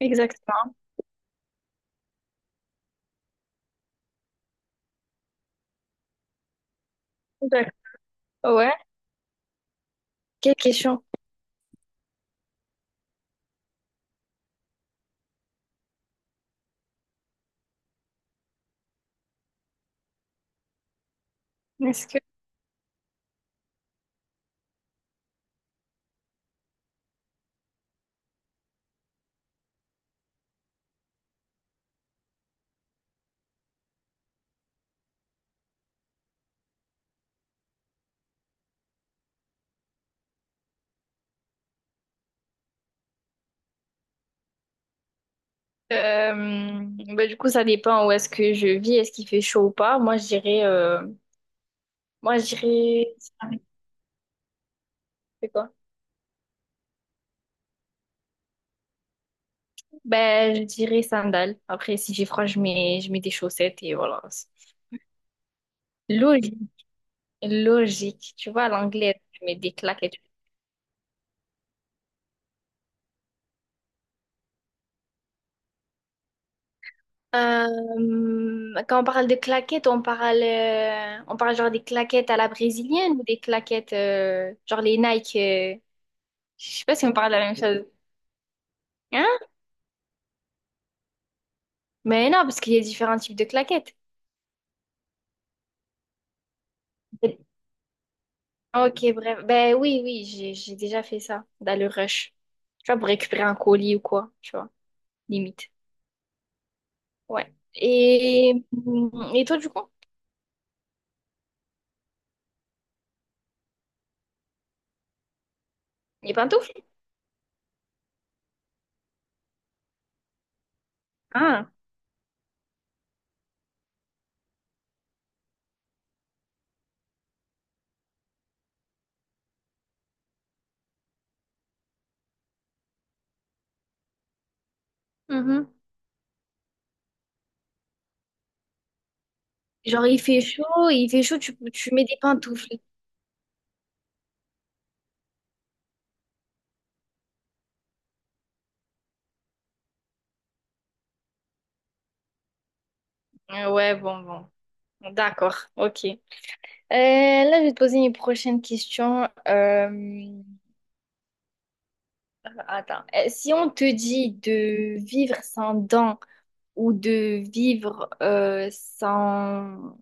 Exactement. D'accord. Ouais. Quelle question. Est-ce que euh, bah, du coup ça dépend où est-ce que je vis, est-ce qu'il fait chaud ou pas? Moi je dirais c'est quoi? Ben je dirais sandales. Après si j'ai froid je mets des chaussettes et voilà. Logique. Logique. Tu vois à l'anglais je mets des claquettes. Euh, Quand on parle de claquettes, on parle genre des claquettes à la brésilienne ou des claquettes genre les Nike. Je sais pas si on parle de la même chose. Hein? Mais non, parce qu'il y a différents types de claquettes. Ok, bref. Ben oui, oui, j'ai déjà fait ça dans le rush. Tu vois, pour récupérer un colis ou quoi, tu vois, limite. Ouais. Et toi, du coup, les pantoufles? Ah. Mhm. Genre, il fait chaud, tu mets des pantoufles. Ouais, bon, bon. D'accord, ok. Euh, Là, je vais te poser une prochaine question. Attends. Si on te dit de vivre sans dents, ou de vivre sans...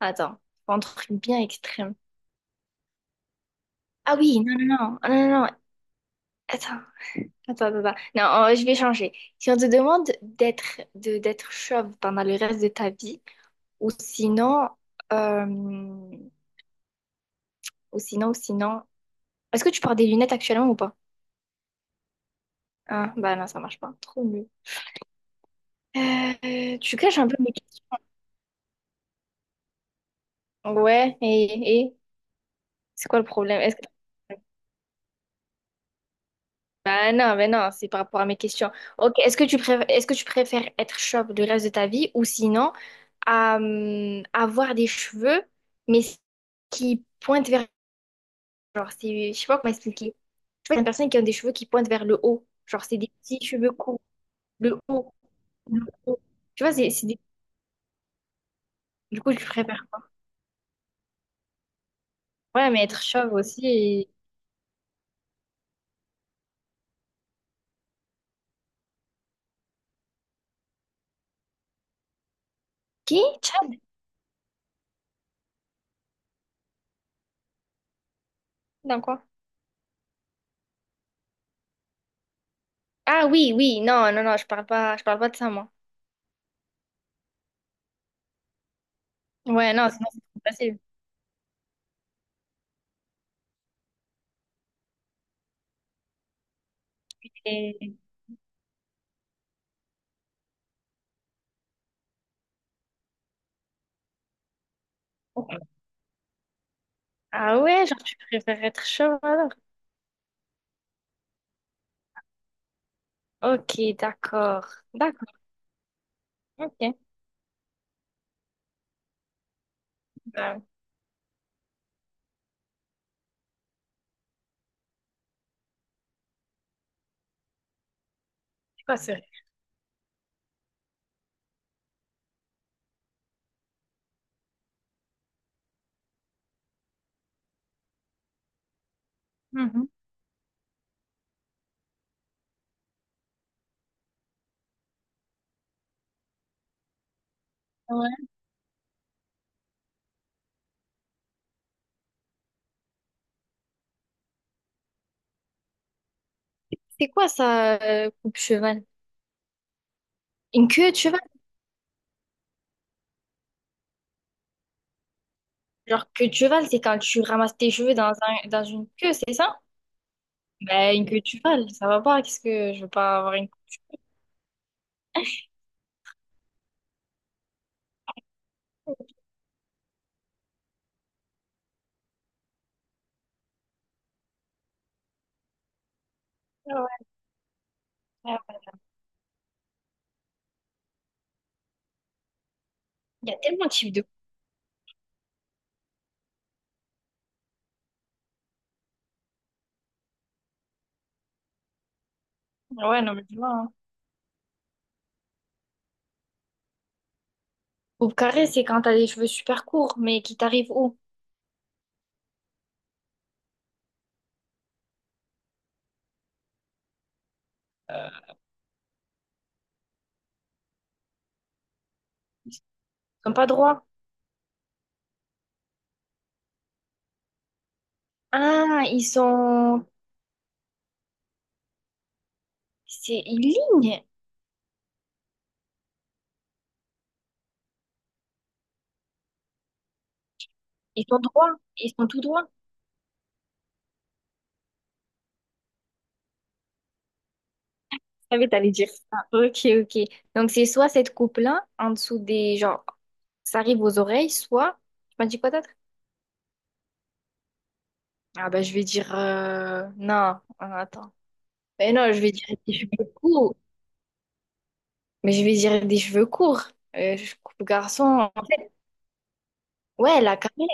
Attends, un truc bien extrême. Ah oui, non, non, non, ah, non, non, non, attends, attends, attends, attends. Non, je vais changer. Si on te demande d'être de, d'être chauve pendant le reste de ta vie, ou sinon, euh, ou sinon, ou sinon... Est-ce que tu portes des lunettes actuellement ou pas? Ah, bah non, ça marche pas. Trop nul. Tu caches un peu mes questions. Ouais, et c'est quoi le problème? Est-ce que... Bah non, mais non, c'est par rapport à mes questions. Ok, est-ce que tu préfères, est-ce que tu préfères être chauve le reste de ta vie ou sinon avoir des cheveux mais qui pointent vers genre c'est, je sais pas comment expliquer. Je vois des personnes qui ont des cheveux qui pointent vers le haut, genre c'est des petits cheveux courts, le haut, le haut. Tu vois, c'est des... du coup je préfère quoi? Ouais, mais être chauve aussi. Et- Qui? Chad? Dans quoi? Ah oui, oui, non, non, non, je parle pas de ça moi. Ouais, non, sinon c'est trop facile. Et- Ah ouais, genre tu préfères être cheval. Ok, d'accord. D'accord, ok. Bah, c'est pas sérieux. Mhm. Ouais. C'est quoi ça, coupe cheval? Une queue de cheval? Genre queue de cheval, c'est quand tu ramasses tes cheveux dans un, dans une queue, c'est ça? Bah une queue de cheval, ça va pas, qu'est-ce que je veux pas avoir une queue. Ouais, ouais, ouais. Il y a tellement de types de coupes. Ouais, non mais tu vois. Hein. Coupe carrée, c'est quand t'as des cheveux super courts, mais qui t'arrivent où? Ils sont pas droits. Ah, ils sont... C'est une ligne. Ils sont droits. Ils sont tout droits. Savais, que t'allais dire ça. Ok, ok. Donc, c'est soit cette coupe-là, en dessous des... Genre, ça arrive aux oreilles, soit... Tu m'as dit quoi d'autre? Ah bah, je vais dire... Non, Ah, attends. Mais non, je vais dire des cheveux courts. Mais je vais dire des cheveux courts. Je coupe garçon. Ouais, la carrée.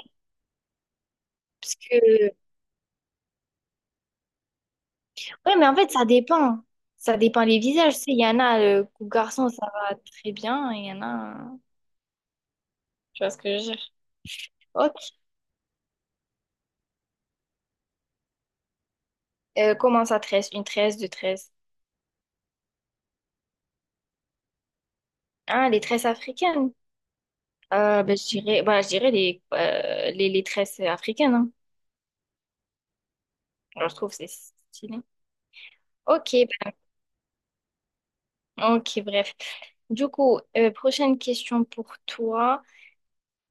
Parce que... Ouais, mais en fait, ça dépend. Ça dépend les visages. Tu sais, il y en a, le coupe garçon, ça va très bien. Il y en a... Tu vois ce que je veux dire? Ok. Comment ça tresse? Une tresse, deux tresses. Ah, les tresses africaines. Ben, je dirais, ben, je dirais les tresses africaines. Hein. Alors, je trouve que c'est stylé. Ok, ben, ok, bref. Du coup, prochaine question pour toi.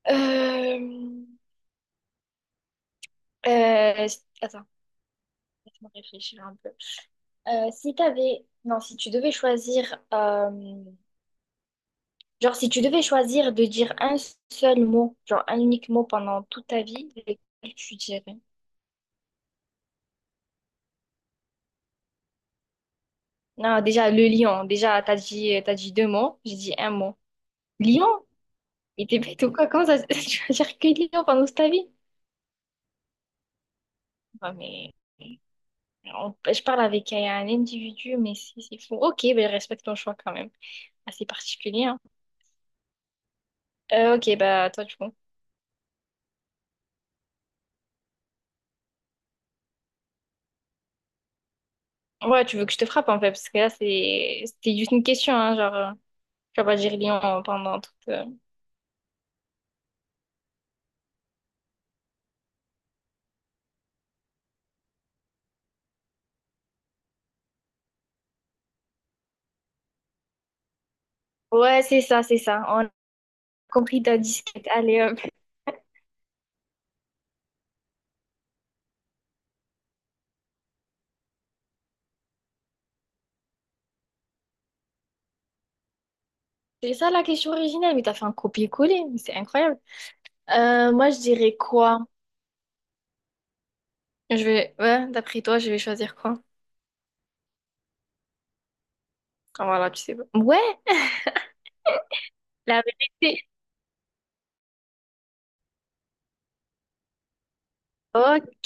Euh, euh, attends, laisse-moi réfléchir un peu. Si t'avais, non, si tu devais choisir, genre si tu devais choisir de dire un seul mot, genre un unique mot pendant toute ta vie, lequel tu dirais? Non, déjà le lion. Déjà, t'as dit deux mots. J'ai dit un mot. Lion? Mais t'es bête ou quoi? Comment ça, tu vas dire que Lyon pendant toute ta vie? Non, mais on- ben, je parle avec un individu, mais si c'est fou. Ok, ben respecte ton choix quand même. Assez particulier, hein. Ok, bah toi du coup. Ouais, tu veux que je te frappe en fait, parce que là c'est c'était juste une question, hein, genre tu vas pas dire Lyon pendant toute. Ouais, c'est ça, c'est ça. On a compris ta disquette. Allez, hop. C'est ça la question originale, mais t'as fait un copier-coller, mais c'est incroyable. Moi je dirais quoi? Je vais, ouais, d'après toi, je vais choisir quoi? Ah, voilà, tu sais pas. Ouais, la vérité, ok,